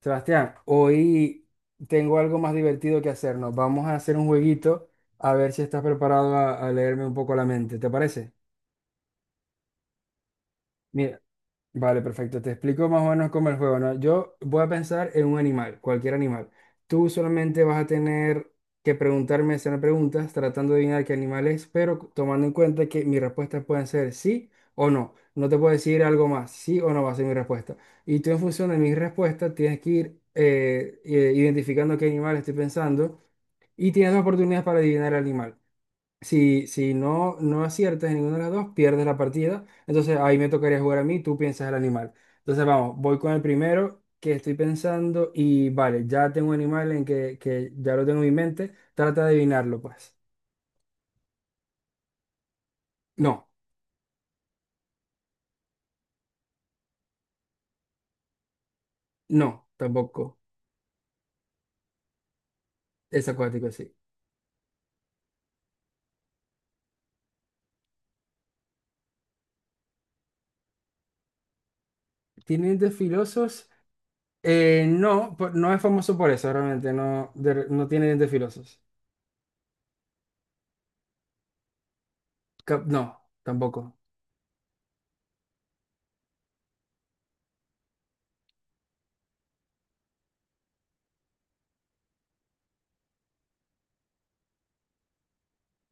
Sebastián, hoy tengo algo más divertido que hacernos. Vamos a hacer un jueguito a ver si estás preparado a leerme un poco la mente. ¿Te parece? Mira. Vale, perfecto. Te explico más o menos cómo es el juego, ¿no? Yo voy a pensar en un animal, cualquier animal. Tú solamente vas a tener que preguntarme, hacer preguntas, tratando de adivinar qué animal es, pero tomando en cuenta que mis respuestas pueden ser sí o no. No te puedo decir algo más, sí o no va a ser mi respuesta. Y tú en función de mis respuestas tienes que ir identificando qué animal estoy pensando y tienes dos oportunidades para adivinar el animal. Si no, no aciertas en ninguna de las dos, pierdes la partida. Entonces ahí me tocaría jugar a mí, tú piensas el animal. Entonces vamos, voy con el primero que estoy pensando y vale, ya tengo un animal en que ya lo tengo en mi mente. Trata de adivinarlo, pues. No, no, tampoco. Es acuático, sí. ¿Tiene dientes filosos? No, no es famoso por eso, realmente. No, no tiene dientes filosos. No, tampoco.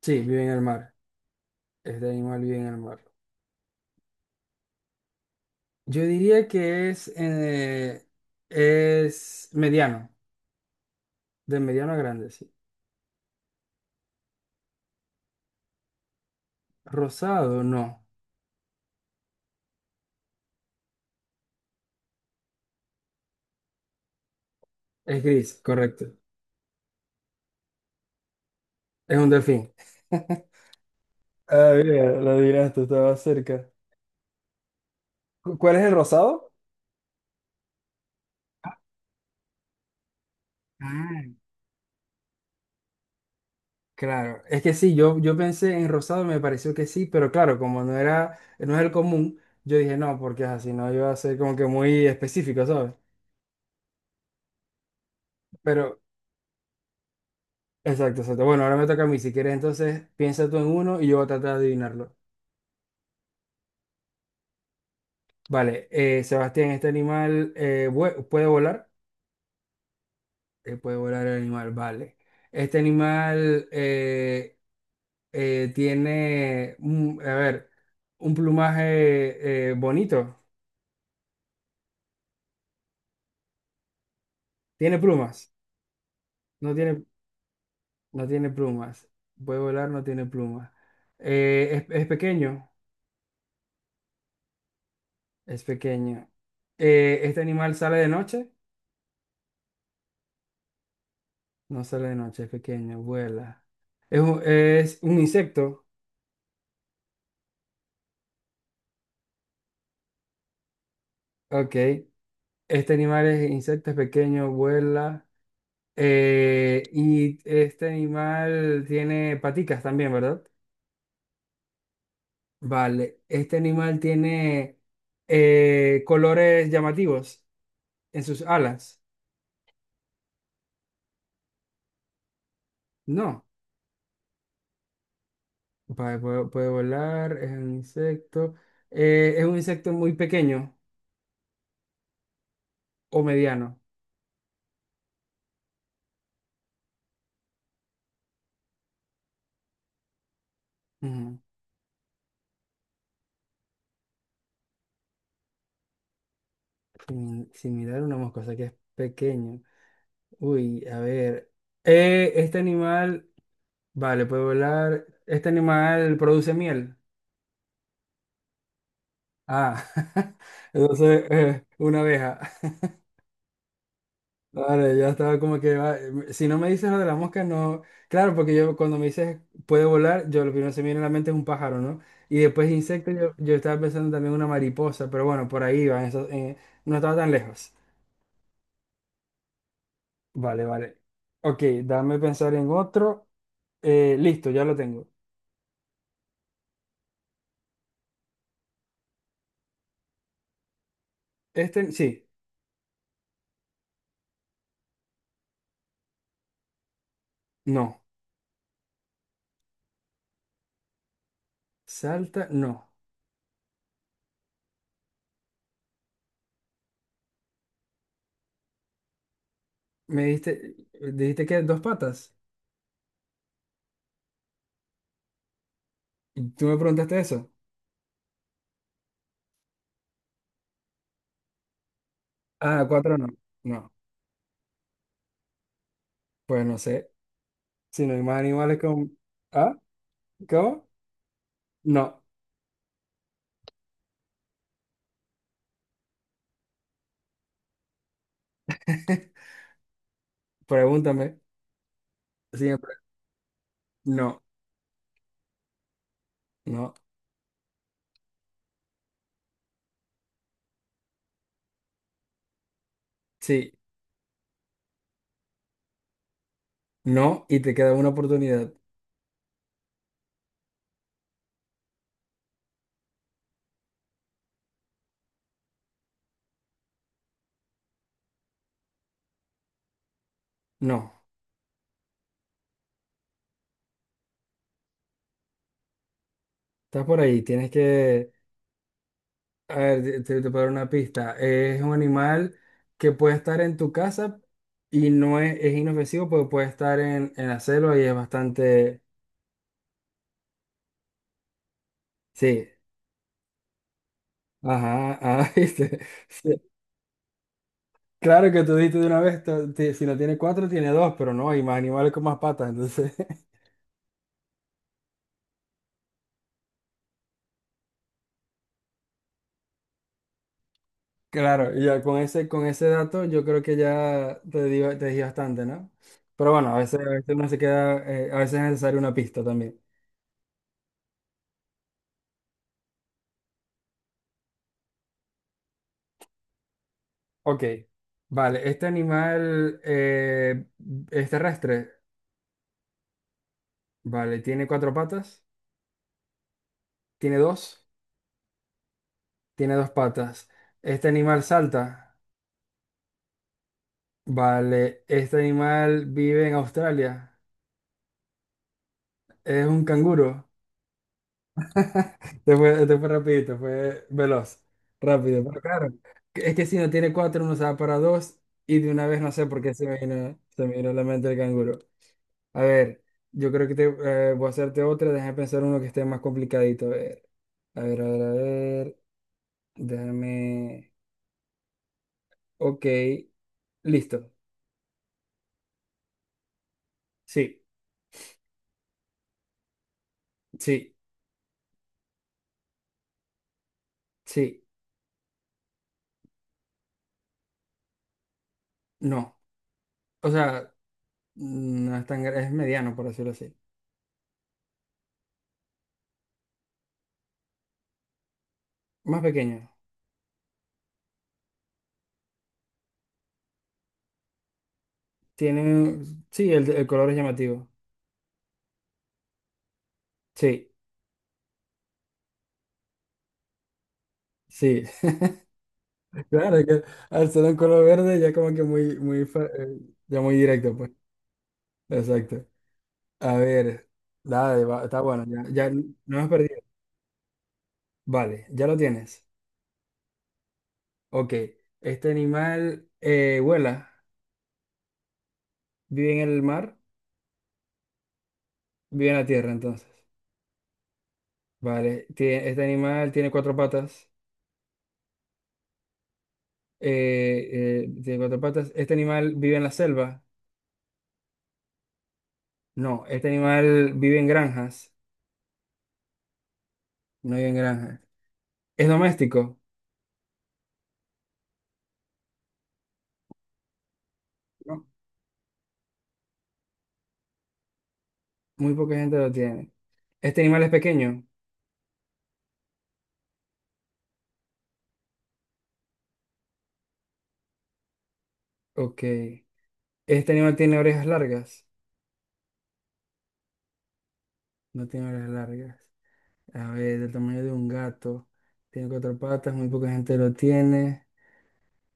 Sí, vive en el mar. Este animal vive en el mar. Yo diría que es mediano, de mediano a grande, sí. Rosado, no. Es gris, correcto. Es un delfín. Ah, mira, lo adivinaste, estaba cerca. ¿Cuál es el rosado? Ah, claro, es que sí, yo pensé en rosado, me pareció que sí, pero claro, como no era, no es el común, yo dije no, porque así, no iba a ser como que muy específico, ¿sabes? Pero, exacto, exacto. Bueno, ahora me toca a mí, si quieres, entonces piensa tú en uno y yo voy a tratar de adivinarlo. Vale, Sebastián, este animal puede volar. Puede volar el animal, vale. Este animal tiene, a ver, un plumaje bonito. Tiene plumas. No tiene, no tiene plumas. Puede volar, no tiene plumas. Es pequeño. Es pequeño. Este animal sale de noche. No sale de noche, es pequeño, vuela. Es un insecto. Ok. Este animal es insecto, es pequeño, vuela. Eh, y este animal tiene paticas también, ¿verdad? Vale. Este animal tiene colores llamativos en sus alas. No. Vale, puede volar, es un insecto. Eh, es un insecto muy pequeño o mediano. Ujú. Similar a una mosca, o sea que es pequeño. Uy, a ver. Este animal, vale, puede volar. ¿Este animal produce miel? Ah, entonces, una abeja. Vale, ya estaba como que si no me dices lo de la mosca, no. Claro, porque yo cuando me dices puede volar, yo lo primero que se me viene a la mente es un pájaro, ¿no? Y después insecto, yo estaba pensando también una mariposa, pero bueno, por ahí va, eso, no estaba tan lejos. Vale, vale. Ok, dame pensar en otro. Listo, ya lo tengo. Este, sí, no. Salta, no. Me dijiste, dijiste que dos patas. Y tú me preguntaste eso. Ah, cuatro no. No, pues no sé. Si no hay más animales con... ¿Ah? ¿Cómo? No. Pregúntame. Siempre. No, no. Sí, no. Y te queda una oportunidad. No. Estás por ahí. Tienes que... A ver, te puedo dar una pista. Es un animal que puede estar en tu casa y no es, es inofensivo, pero puede estar en la selva y es bastante... Sí. Ajá, ah, viste. Sí, claro que tú dijiste de una vez, si no tiene cuatro, tiene dos, pero no, hay más animales con más patas, entonces, claro, y ya con ese dato yo creo que ya te di bastante, ¿no? Pero bueno, a veces uno se queda, a veces es necesaria una pista también. Ok, vale, este animal es terrestre, vale, tiene cuatro patas, tiene dos, tiene dos patas. Este animal salta, vale, este animal vive en Australia. Es un canguro. Te fue rapidito, fue veloz, rápido. Pero claro, es que si no tiene cuatro, uno se va para dos y de una vez no sé por qué se me vino a la mente el canguro. A ver, yo creo que te, voy a hacerte otra, déjame pensar uno que esté más complicadito. A ver, a ver, a ver, a ver, déjame... Ok, listo. Sí, sí, sí, no. O sea, no es tan... es mediano, por decirlo así. Más pequeño. Tiene, sí, el color es llamativo. Sí, sí. Claro, es que al ser un color verde ya como que muy, muy, ya muy directo, pues. Exacto. A ver, dale, está bueno, ya, ya no has perdido. Vale, ya lo tienes. Ok, este animal vuela, vive en el mar, vive en la tierra, entonces. Vale, este animal tiene cuatro patas. Tiene cuatro patas. Este animal vive en la selva. No, este animal vive en granjas. No vive en granjas. Es doméstico. No, muy poca gente lo tiene. ¿Este animal es pequeño? Ok. ¿Este animal tiene orejas largas? No tiene orejas largas. A ver, del tamaño de un gato. Tiene cuatro patas, muy poca gente lo tiene.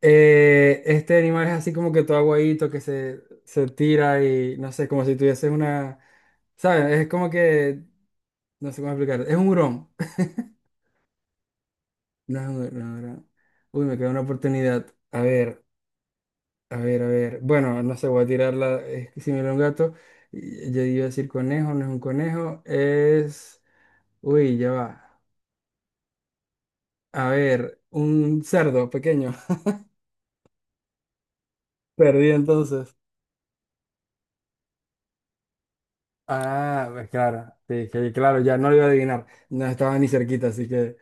Este animal es así como que todo aguadito que se tira y no sé, como si tuviese una. ¿Sabes? Es como que. No sé cómo explicar. Es un hurón. No es un hurón. Uy, me queda una oportunidad. A ver. A ver, a ver. Bueno, no sé, voy a tirarla. Es que si me era un gato, yo iba a decir conejo, no es un conejo, es... Uy, ya va. A ver, un cerdo pequeño. Perdí entonces. Ah, pues claro, sí, que claro, ya no lo iba a adivinar. No estaba ni cerquita, así que...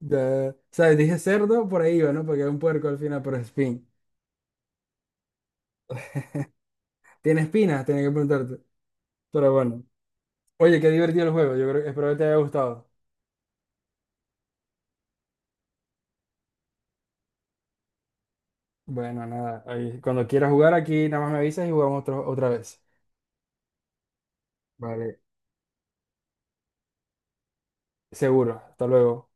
¿Sabes? Dije cerdo, por ahí iba, ¿no? Porque era un puerco al final, pero es espín. ¿Tiene espinas? Tenía que preguntarte. Pero bueno. Oye, qué divertido el juego. Yo creo que espero que te haya gustado. Bueno, nada, ahí, cuando quieras jugar aquí, nada más me avisas y jugamos otra vez. Vale, seguro. Hasta luego.